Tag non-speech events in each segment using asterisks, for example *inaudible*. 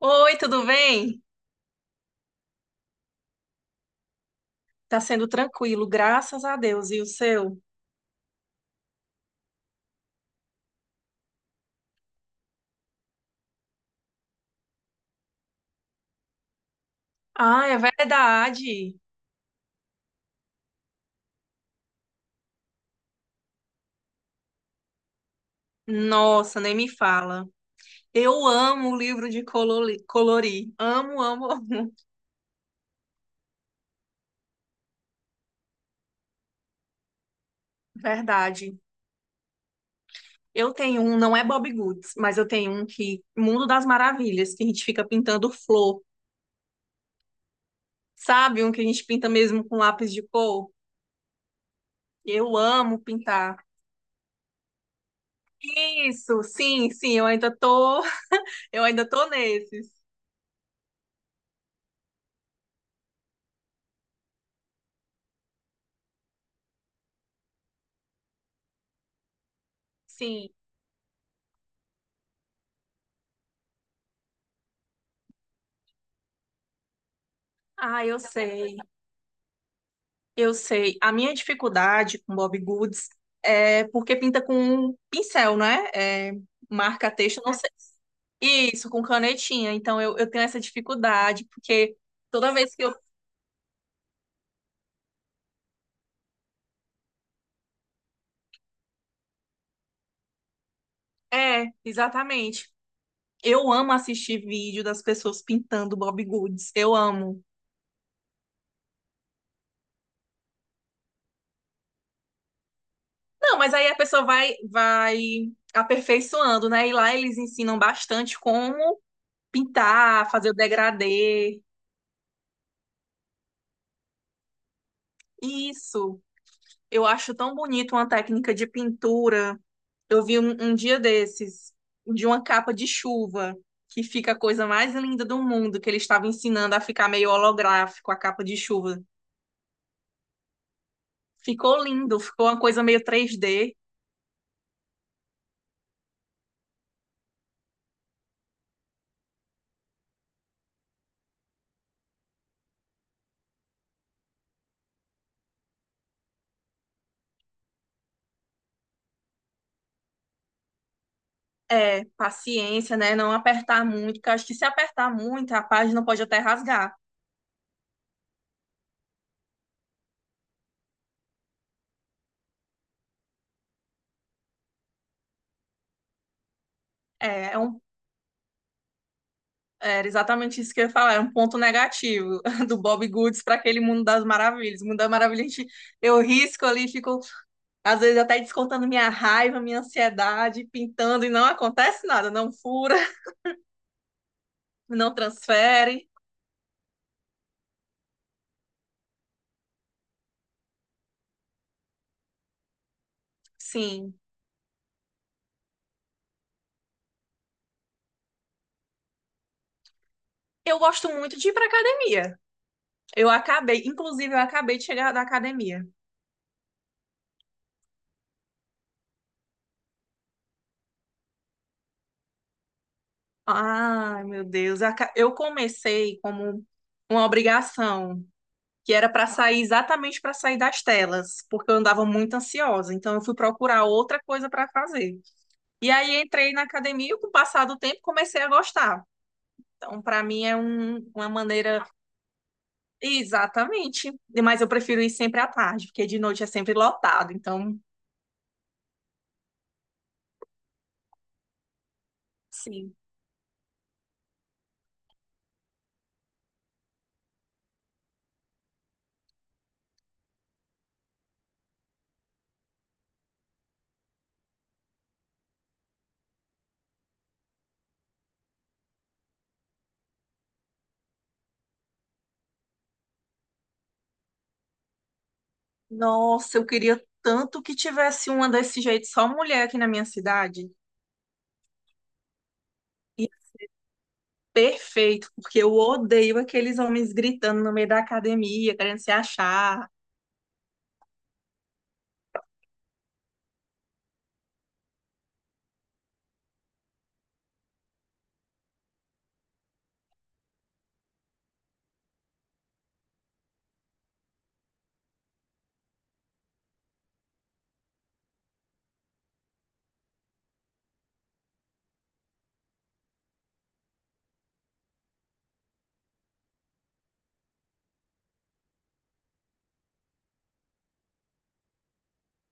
Oi, tudo bem? Tá sendo tranquilo, graças a Deus. E o seu? Ah, é verdade. Nossa, nem me fala. Eu amo o livro de colorir. Amo, amo. *laughs* Verdade. Eu tenho um, não é Bob Goods, mas eu tenho um que Mundo das Maravilhas, que a gente fica pintando flor. Sabe, um que a gente pinta mesmo com lápis de cor? Eu amo pintar. Isso, sim, sim, eu ainda tô, *laughs* eu ainda tô nesses. Sim. Ah, eu sei. Eu sei. A minha dificuldade com Bob Goods é porque pinta com um pincel, né? É, marca texto, não sei. Isso, com canetinha. Então eu tenho essa dificuldade, porque toda vez que eu. É, exatamente. Eu amo assistir vídeo das pessoas pintando Bob Goods. Eu amo. Não, mas aí a pessoa vai aperfeiçoando, né? E lá eles ensinam bastante como pintar, fazer o degradê. Isso. Eu acho tão bonito uma técnica de pintura. Eu vi um dia desses, de uma capa de chuva, que fica a coisa mais linda do mundo, que ele estava ensinando a ficar meio holográfico, a capa de chuva. Ficou lindo, ficou uma coisa meio 3D. É, paciência, né? Não apertar muito, porque eu acho que se apertar muito, a página pode até rasgar. É, é um, era exatamente isso que eu ia falar, é um ponto negativo *laughs* do Bob Goods para aquele mundo das maravilhas. Mundo das maravilhas, a gente, eu risco ali e fico. Às vezes até descontando minha raiva, minha ansiedade, pintando e não acontece nada, não fura, não transfere. Sim. Eu gosto muito de ir pra academia. Eu acabei, inclusive, eu acabei de chegar da academia. Ai, meu Deus. Eu comecei como uma obrigação, que era para sair exatamente para sair das telas, porque eu andava muito ansiosa. Então, eu fui procurar outra coisa para fazer. E aí, entrei na academia e, com o passar do tempo, comecei a gostar. Então, para mim, é uma maneira. Exatamente. Mas eu prefiro ir sempre à tarde, porque de noite é sempre lotado. Então, sim. Nossa, eu queria tanto que tivesse uma desse jeito, só mulher aqui na minha cidade. E perfeito, porque eu odeio aqueles homens gritando no meio da academia, querendo se achar.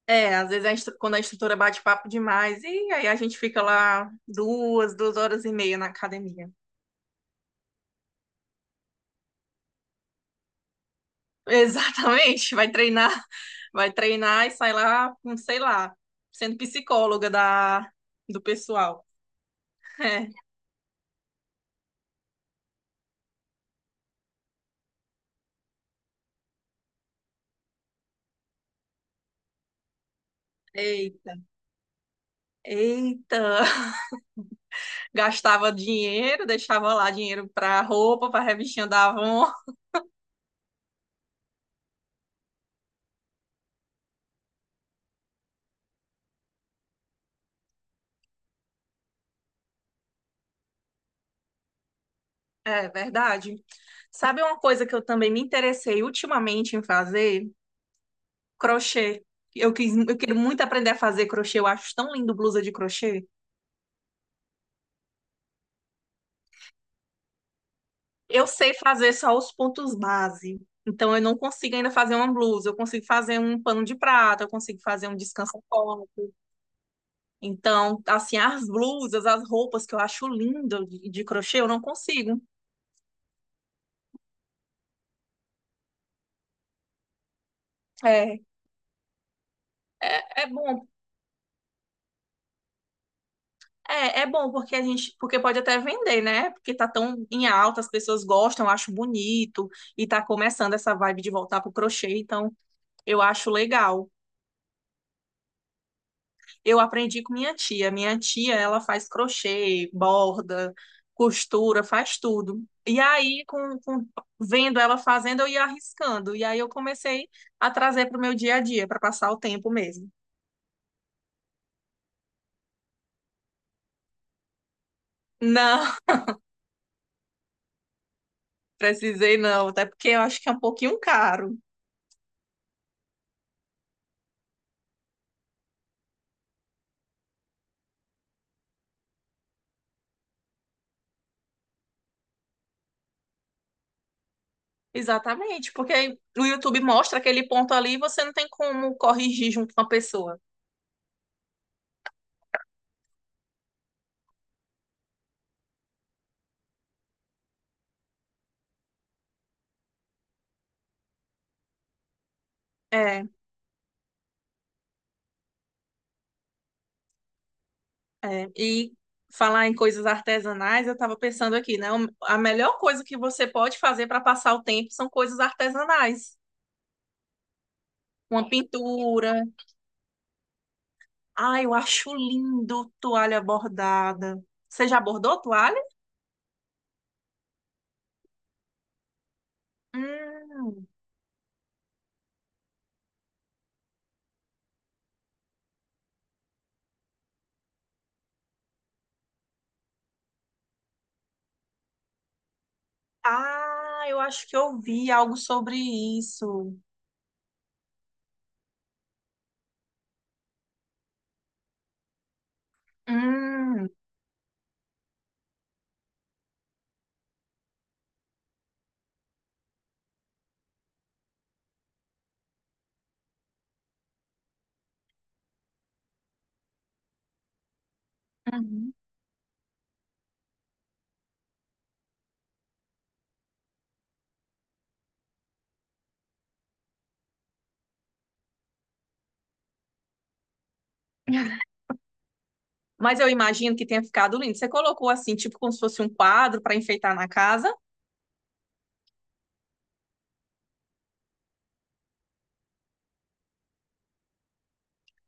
É, às vezes a quando a instrutora bate papo demais, e aí a gente fica lá duas horas e meia na academia. Exatamente, vai treinar e sai lá, com, sei lá, sendo psicóloga da, do pessoal. *laughs* É, eita, eita. Gastava dinheiro, deixava lá dinheiro para roupa, para revistinha da Avon. É verdade. Sabe uma coisa que eu também me interessei ultimamente em fazer? Crochê. Eu quero muito aprender a fazer crochê. Eu acho tão lindo blusa de crochê. Eu sei fazer só os pontos base. Então, eu não consigo ainda fazer uma blusa. Eu consigo fazer um pano de prata, eu consigo fazer um descansa-colo. Então, assim, as blusas, as roupas que eu acho lindo de crochê, eu não consigo. É, é bom. É, é bom porque porque pode até vender, né? Porque tá tão em alta, as pessoas gostam, eu acho bonito e tá começando essa vibe de voltar pro crochê, então eu acho legal. Eu aprendi com minha tia. Minha tia, ela faz crochê, borda, costura, faz tudo. E aí, vendo ela fazendo, eu ia arriscando. E aí eu comecei a trazer para o meu dia a dia, para passar o tempo mesmo. Não, *laughs* precisei não, até porque eu acho que é um pouquinho caro. Exatamente, porque o YouTube mostra aquele ponto ali e você não tem como corrigir junto com a pessoa. É. É, e falar em coisas artesanais, eu estava pensando aqui, né? A melhor coisa que você pode fazer para passar o tempo são coisas artesanais. Uma pintura. Ai, eu acho lindo toalha bordada. Você já bordou toalha? Hum. Ah, eu acho que eu vi algo sobre isso. Hum. Uhum. Mas eu imagino que tenha ficado lindo. Você colocou assim, tipo como se fosse um quadro para enfeitar na casa?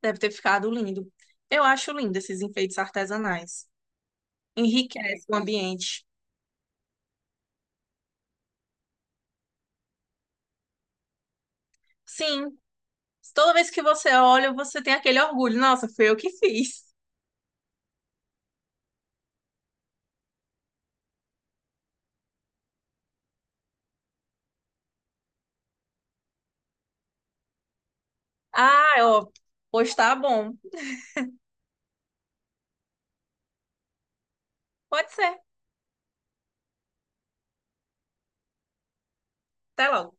Deve ter ficado lindo. Eu acho lindo esses enfeites artesanais. Enriquece o ambiente. Sim, toda vez que você olha, você tem aquele orgulho. Nossa, foi eu que fiz. Ah, ó, pois tá bom. Pode ser. Até logo.